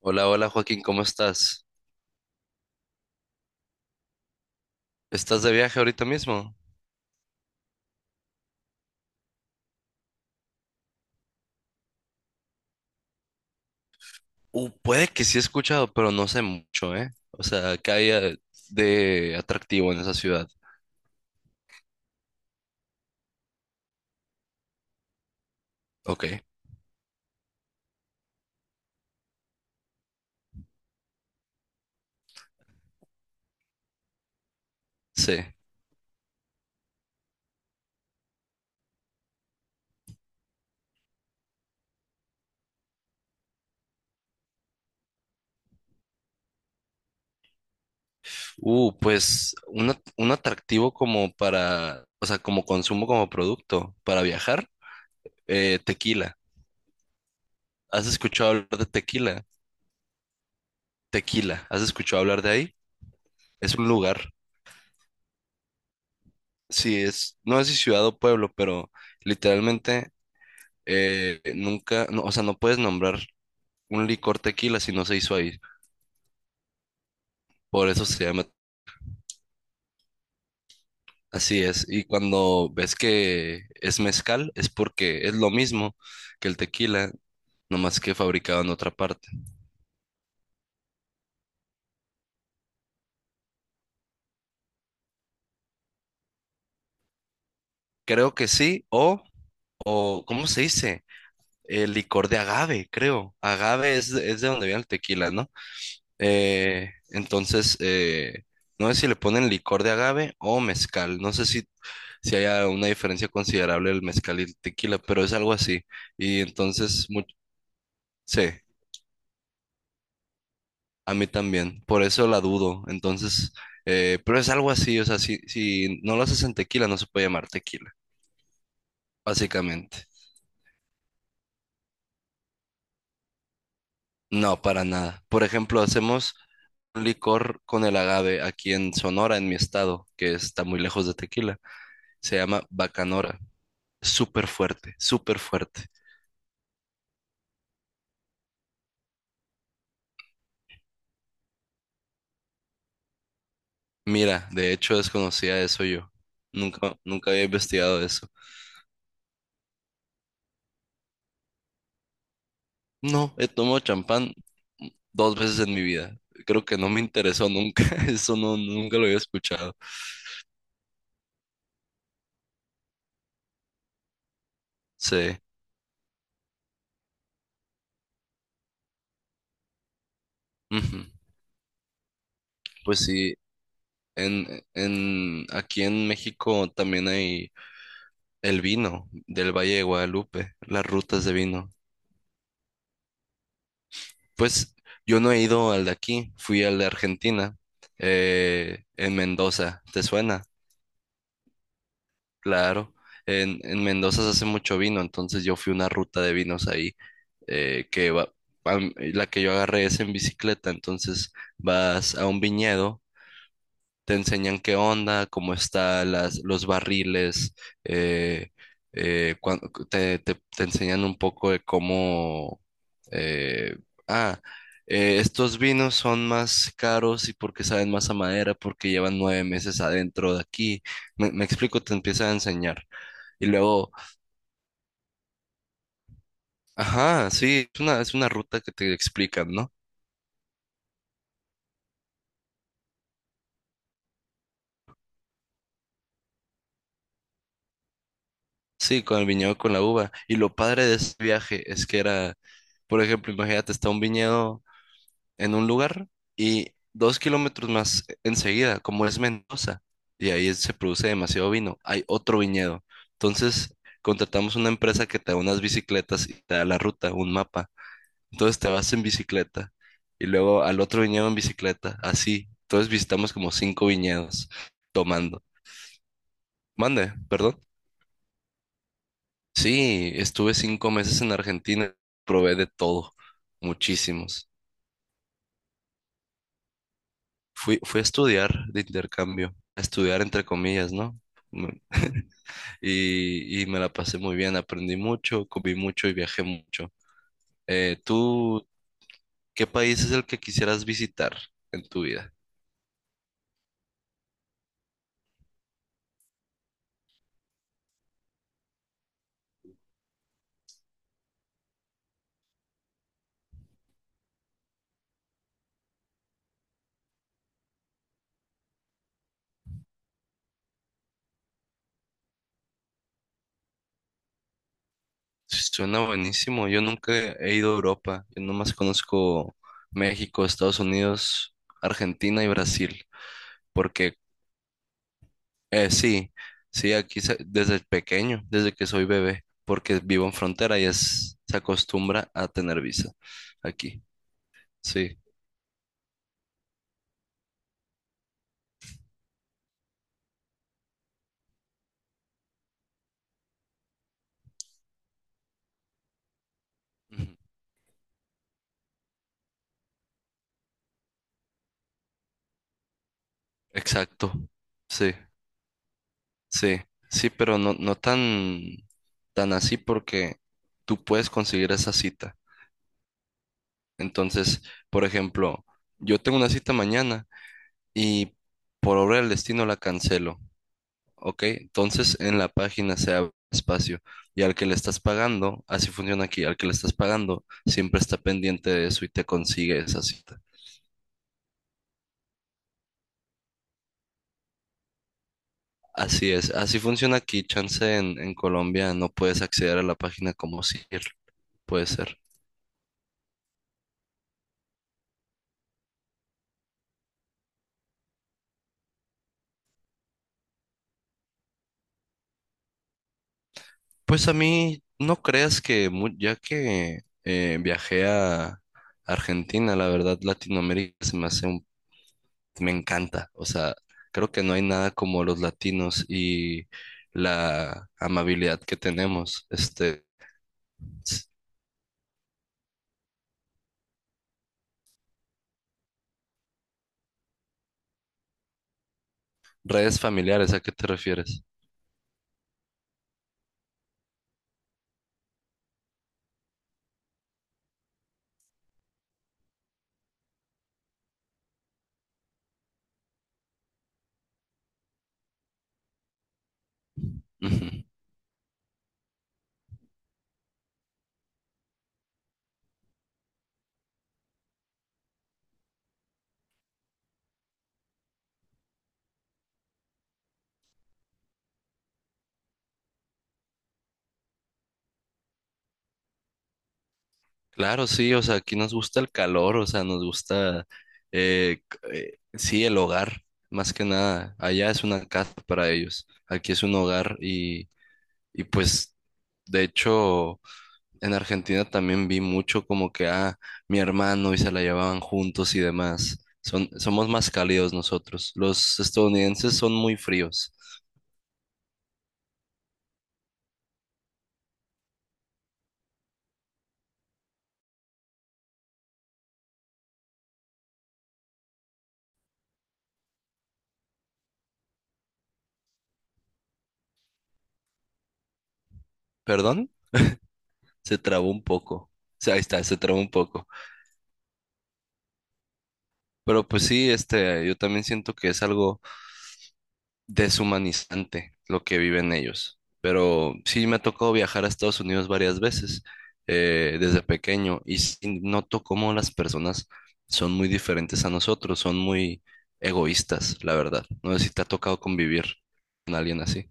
Hola, hola Joaquín, ¿cómo estás? ¿Estás de viaje ahorita mismo? Puede que sí he escuchado, pero no sé mucho, ¿eh? O sea, ¿qué hay de atractivo en esa ciudad? Ok, sí. Pues un atractivo como para, o sea, como consumo, como producto para viajar, tequila. ¿Has escuchado hablar de tequila? Tequila, ¿has escuchado hablar de ahí? Es un lugar, sí, es, no sé si ciudad o pueblo, pero literalmente nunca, no, o sea, no puedes nombrar un licor tequila si no se hizo ahí. Por eso se llama. Así es. Y cuando ves que es mezcal, es porque es lo mismo que el tequila, nomás que fabricado en otra parte. Creo que sí, o ¿cómo se dice? El licor de agave, creo. Agave es, es de donde viene el tequila, ¿no? Entonces, no sé si le ponen licor de agave o mezcal. No sé si haya una diferencia considerable del mezcal y el tequila, pero es algo así. Y entonces, sí. A mí también, por eso la dudo. Entonces, pero es algo así, o sea, si no lo haces en tequila, no se puede llamar tequila, básicamente. No, para nada. Por ejemplo, hacemos un licor con el agave aquí en Sonora, en mi estado, que está muy lejos de tequila. Se llama Bacanora. Súper fuerte, súper fuerte. Mira, de hecho desconocía eso yo. Nunca, nunca había investigado eso. No, he tomado champán dos veces en mi vida. Creo que no me interesó nunca. Eso no, nunca lo había escuchado. Sí. Ujú. Pues sí, aquí en México también hay el vino del Valle de Guadalupe, las rutas de vino. Pues yo no he ido al de aquí, fui al de Argentina, en Mendoza. ¿Te suena? Claro, en Mendoza se hace mucho vino, entonces yo fui una ruta de vinos ahí, que va, la que yo agarré es en bicicleta, entonces vas a un viñedo, te enseñan qué onda, cómo están los barriles, eh, eh, cuan- te enseñan un poco de cómo. eh, ah, Estos vinos son más caros y porque saben más a madera, porque llevan 9 meses adentro de aquí. Me explico, te empieza a enseñar. Y luego, ajá, sí, es una, ruta que te explican, ¿no? Sí, con el viñedo, con la uva. Y lo padre de ese viaje es que era, por ejemplo, imagínate, está un viñedo en un lugar y 2 kilómetros más enseguida, como es Mendoza, y ahí se produce demasiado vino, hay otro viñedo. Entonces, contratamos una empresa que te da unas bicicletas y te da la ruta, un mapa. Entonces, te vas en bicicleta y luego al otro viñedo en bicicleta, así. Entonces, visitamos como cinco viñedos tomando. Mande, perdón. Sí, estuve 5 meses en Argentina, probé de todo, muchísimos. Fui a estudiar de intercambio, a estudiar entre comillas, ¿no? Me- y me la pasé muy bien, aprendí mucho, comí mucho y viajé mucho. ¿Tú qué país es el que quisieras visitar en tu vida? Suena buenísimo, yo nunca he ido a Europa, yo nomás conozco México, Estados Unidos, Argentina y Brasil, porque sí, sí, aquí desde pequeño, desde que soy bebé, porque vivo en frontera y es, se acostumbra a tener visa aquí, sí. Ujú. Exacto, sí, sí, sí, pero no, no tan, tan así porque tú puedes conseguir esa cita. Entonces, por ejemplo, yo tengo una cita mañana y por obra del destino la cancelo. Ok, entonces en la página se abre espacio y al que le estás pagando, así funciona aquí, al que le estás pagando siempre está pendiente de eso y te consigue esa cita. Así es, así funciona aquí, chance en Colombia no puedes acceder a la página como si puede ser. Pues a mí no creas que ya que viajé a Argentina, la verdad Latinoamérica se me hace un me encanta. O sea, creo que no hay nada como los latinos y la amabilidad que tenemos. Este, s- redes familiares, ¿a qué te refieres? Ujú. Claro, sí, o sea, aquí nos gusta el calor, o sea, nos gusta, sí, el hogar, más que nada. Allá es una casa para ellos, aquí es un hogar y pues, de hecho. En Argentina también vi mucho como que, mi hermano y se la llevaban juntos y demás. Somos más cálidos nosotros. Los estadounidenses son muy fríos. ¿Perdón? Se trabó un poco. O sea, ahí está, se trabó un poco. Pero pues sí, este, yo también siento que es algo deshumanizante lo que viven ellos. Pero sí me ha tocado viajar a Estados Unidos varias veces desde pequeño y sí noto cómo las personas son muy diferentes a nosotros, son muy egoístas, la verdad. No sé si te ha tocado convivir con alguien así.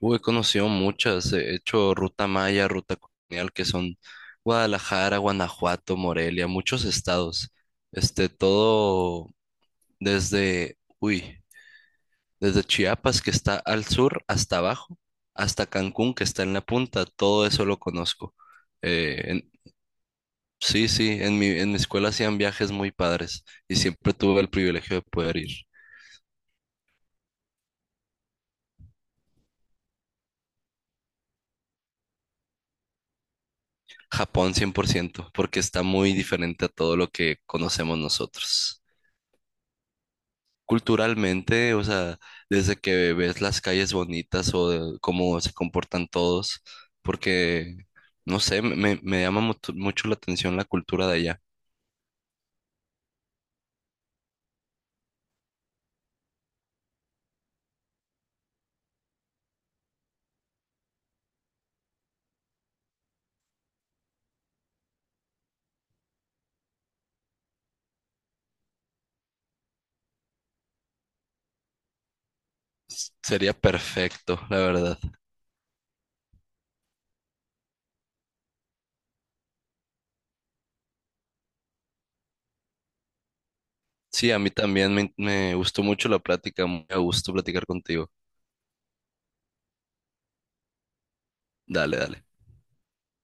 Uy, he conocido muchas, he hecho ruta maya, ruta colonial, que son Guadalajara, Guanajuato, Morelia, muchos estados. Este, todo desde, uy. Desde Chiapas, que está al sur, hasta abajo, hasta Cancún, que está en la punta, todo eso lo conozco. Eh, en- sí, sí, en mi escuela hacían viajes muy padres y siempre tuve el privilegio de poder ir. Japón 100%, porque está muy diferente a todo lo que conocemos nosotros. Culturalmente, o sea, desde que ves las calles bonitas o de cómo se comportan todos, porque, no sé, me llama mucho mucho la atención la cultura de allá. Sería perfecto, la verdad. Sí, a mí también me gustó mucho la plática, muy a gusto platicar contigo. Dale, dale.